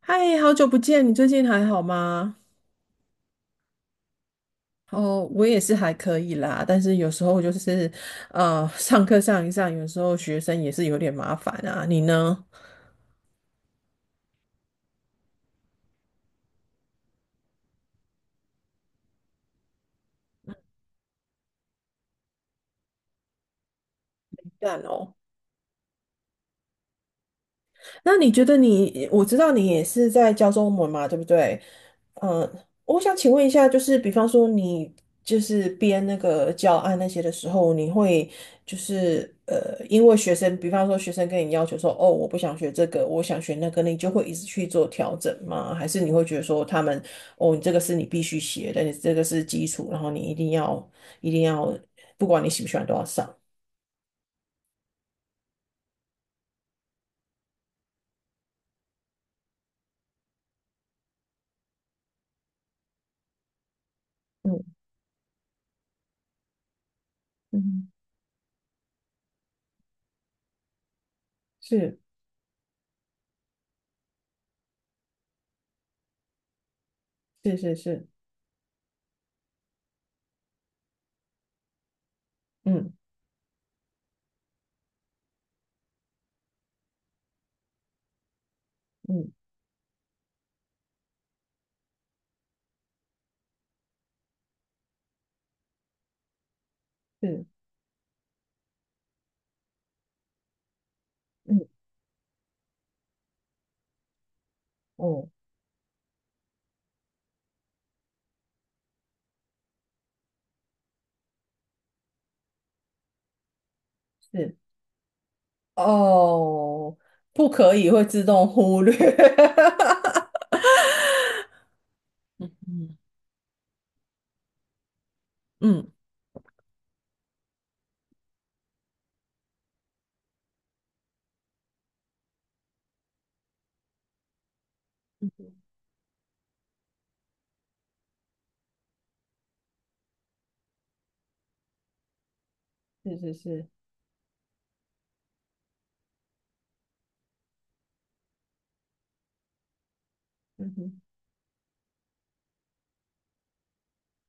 嗨，好久不见，你最近还好吗？哦，我也是还可以啦，但是有时候就是，上课上一上，有时候学生也是有点麻烦啊。你呢？淡哦。那你觉得你，我知道你也是在教中文嘛，对不对？嗯，我想请问一下，就是比方说你就是编那个教案那些的时候，你会就是因为学生，比方说学生跟你要求说，哦，我不想学这个，我想学那个，你就会一直去做调整吗？还是你会觉得说他们，哦，你这个是你必须学的，你这个是基础，然后你一定要，不管你喜不喜欢都要上。嗯嗯，是是是是，嗯嗯是。嗯哦，是哦，不可以会自动忽略。嗯嗯，是是是，嗯哼，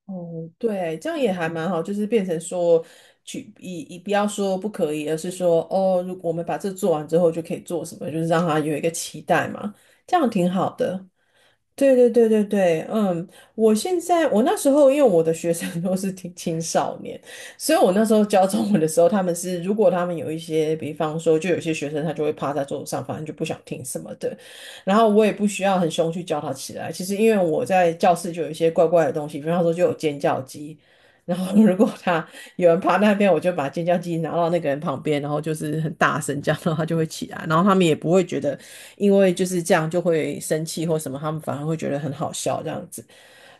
哦，对，这样也还蛮好，就是变成说，去以不要说不可以，而是说，哦，如果我们把这做完之后就可以做什么，就是让他有一个期待嘛，这样挺好的。对对对对对，嗯，我现在我那时候因为我的学生 都是青少年，所以我那时候教中文的时候，他们是如果他们有一些，比方说就有些学生他就会趴在桌子上，反正就不想听什么的，然后我也不需要很凶去教他起来。其实因为我在教室就有一些怪怪的东西，比方说就有尖叫鸡，然后如果他有人趴那边，我就把尖叫鸡拿到那个人旁边，然后就是很大声这样，然后他就会起来，然后他们也不会觉得因为就是这样就会生气或什么，他们反而会觉得很好笑这样子。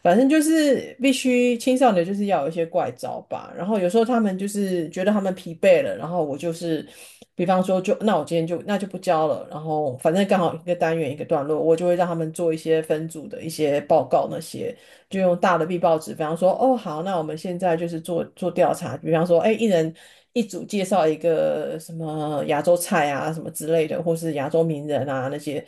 反正就是必须青少年就是要有一些怪招吧。然后有时候他们就是觉得他们疲惫了，然后我就是，比方说就那我今天就那就不教了。然后反正刚好一个单元一个段落，我就会让他们做一些分组的一些报告那些，就用大的 B 报纸，比方说哦好，那我们现在就是做做调查，比方说哎一人。一组介绍一个什么亚洲菜啊，什么之类的，或是亚洲名人啊那些，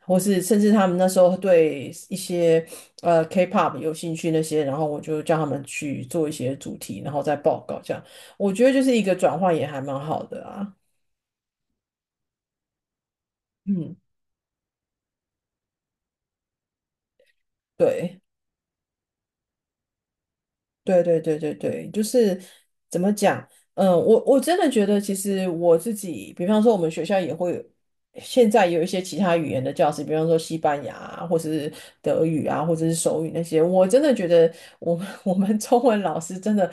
或是甚至他们那时候对一些K-pop 有兴趣那些，然后我就叫他们去做一些主题，然后再报告这样。我觉得就是一个转换也还蛮好的啊。嗯，对。对对对对对，就是怎么讲？嗯，我真的觉得，其实我自己，比方说我们学校也会有，现在有一些其他语言的教室，比方说西班牙啊，或者是德语啊，或者是手语那些，我真的觉得我们 我们中文老师真的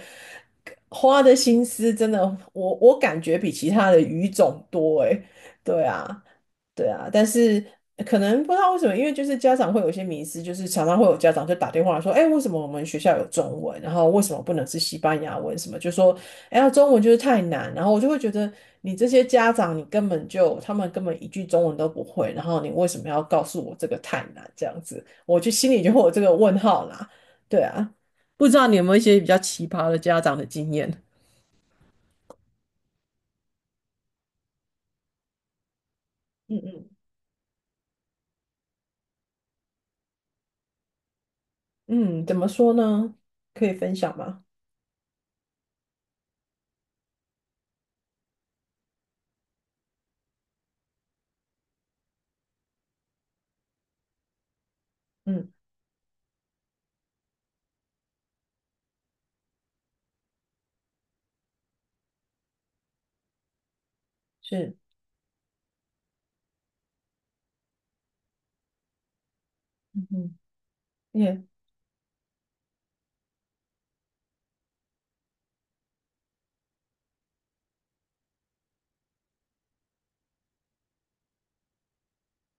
花的心思，真的，我感觉比其他的语种多诶。对啊，对啊，但是可能不知道为什么，因为就是家长会有一些迷失，就是常常会有家长就打电话说，哎，为什么我们学校有中文，然后为什么不能是西班牙文什么，就说，哎呀，中文就是太难，然后我就会觉得你这些家长，你根本就他们根本一句中文都不会，然后你为什么要告诉我这个太难这样子，我就心里就会有这个问号啦，对啊，不知道你有没有一些比较奇葩的家长的经验？嗯嗯嗯，怎么说呢？可以分享吗？嗯，是，嗯嗯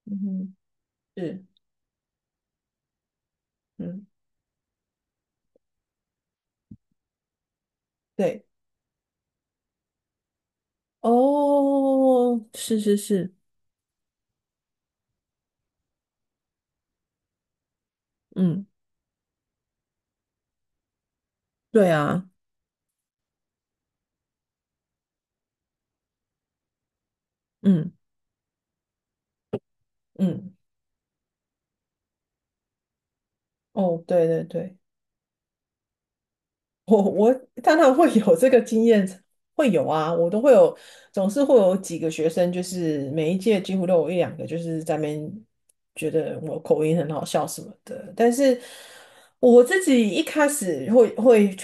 嗯哼，是，嗯，对，哦，是是是，嗯，对啊，嗯嗯，哦，对对对，当然会有这个经验，会有啊，我都会有，总是会有几个学生，就是每一届几乎都有一两个，就是在那边觉得我口音很好笑什么的。但是我自己一开始会会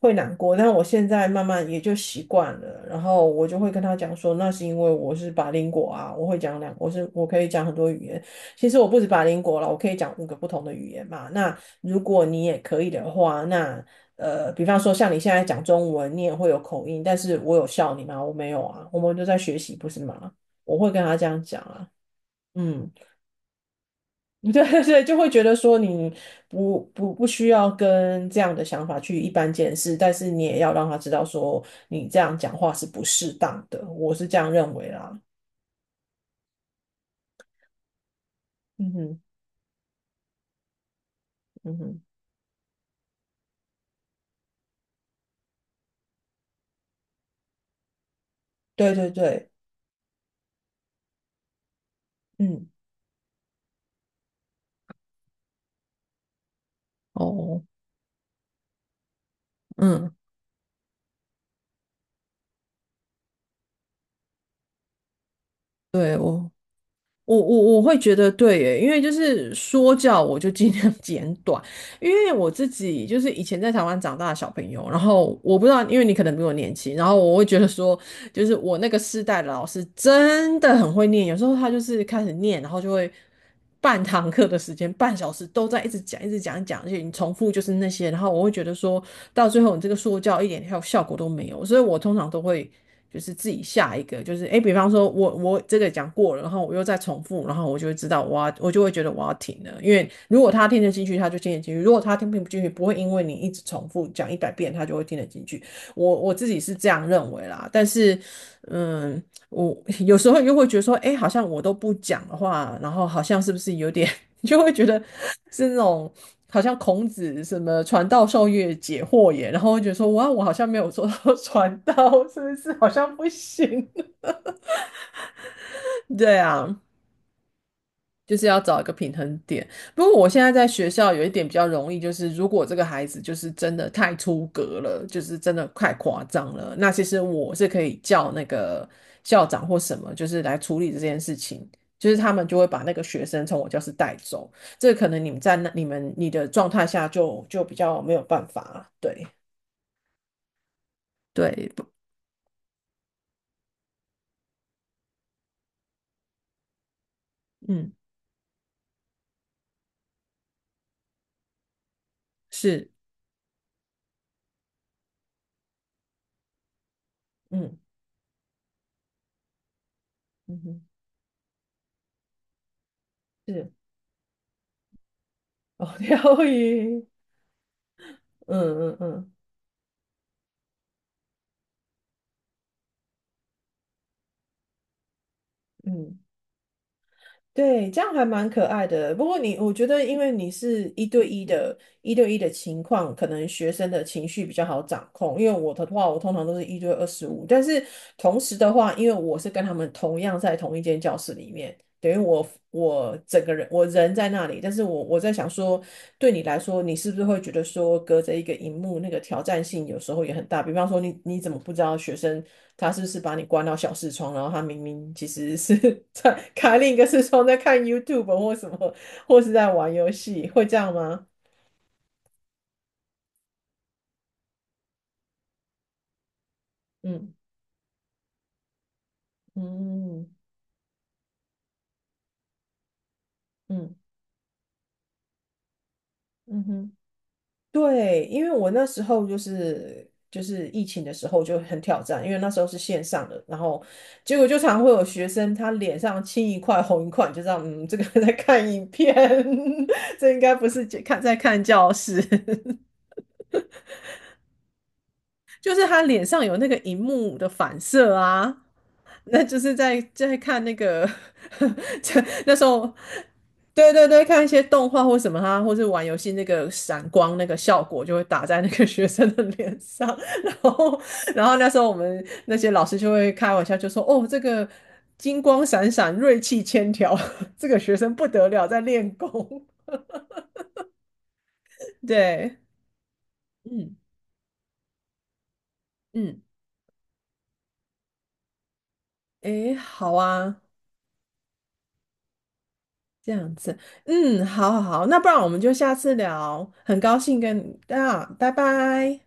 会难过，但我现在慢慢也就习惯了。然后我就会跟他讲说，那是因为我是 b i 果啊，我会讲两，我是我可以讲很多语言。其实我不止法林国了，我可以讲五个不同的语言嘛。那如果你也可以的话，那比方说像你现在讲中文，你也会有口音，但是我有笑你吗？我没有啊，我们都在学习，不是吗？我会跟他这样讲啊，嗯，对对对，就会觉得说你不需要跟这样的想法去一般见识，但是你也要让他知道说你这样讲话是不适当的，我是这样认为啦。嗯哼，嗯哼，对对对，嗯，哦，嗯。对我，我会觉得对耶，因为就是说教我就尽量 简短，因为我自己就是以前在台湾长大的小朋友，然后我不知道，因为你可能比我年轻，然后我会觉得说，就是我那个世代的老师真的很会念，有时候他就是开始念，然后就会半堂课的时间，半小时都在一直讲，一直讲，一直讲，而且你重复就是那些，然后我会觉得说到最后你这个说教一点效果都没有，所以我通常都会。就是自己下一个，就是哎，比方说我这个讲过了，然后我又再重复，然后我就会知道我就会觉得我要停了，因为如果他听得进去，他就听得进去；如果他听不进去，不会因为你一直重复讲一百遍，他就会听得进去。我自己是这样认为啦，但是嗯，我 有时候又会觉得说，哎，好像我都不讲的话，然后好像是不是有点你就会觉得是那种好像孔子什么传道授业解惑也，然后会觉得说哇，我好像没有做到 传道，是不是好像不行？对啊，就是要找一个平衡点。不过我现在在学校有一点比较容易，就是如果这个孩子就是真的太出格了，就是真的太夸张了，那其实我是可以叫那个校长或什么，就是来处理这件事情。就是他们就会把那个学生从我教室带走，这个可能你们在那你们你的状态下就比较没有办法，对对，不嗯，是。嗯嗯哼，是哦，疗愈，嗯嗯嗯嗯。对，这样还蛮可爱的。不过你，我觉得，因为你是一对一的，一对一的情况，可能学生的情绪比较好掌控。因为我的话，我通常都是一对二十五，但是同时的话，因为我是跟他们同样在同一间教室里面，等于我整个人我人在那里，但是我在想说，对你来说，你是不是会觉得说，隔着一个荧幕，那个挑战性有时候也很大？比方说你，你怎么不知道学生他是不是把你关到小视窗，然后他明明其实是 在开另一个视窗在看 YouTube 或什么，或是在玩游戏，会这样吗？嗯嗯嗯嗯嗯哼。对，因为我那时候就是就是疫情的时候就很挑战，因为那时候是线上的，然后结果就常会有学生他脸上青一块红一块，你就知道嗯，这个 在看影片，这应该不是看在看教室。就是他脸上有那个荧幕的反射啊，那就是在看那个，这那时候，对对对，看一些动画或什么啊，或是玩游戏那个闪光那个效果就会打在那个学生的脸上，然后那时候我们那些老师就会开玩笑就说，哦，这个金光闪闪，锐气千条，这个学生不得了，在练功，对，嗯嗯，诶，好啊。这样子，嗯，好好好，那不然我们就下次聊，很高兴跟你啊，拜拜。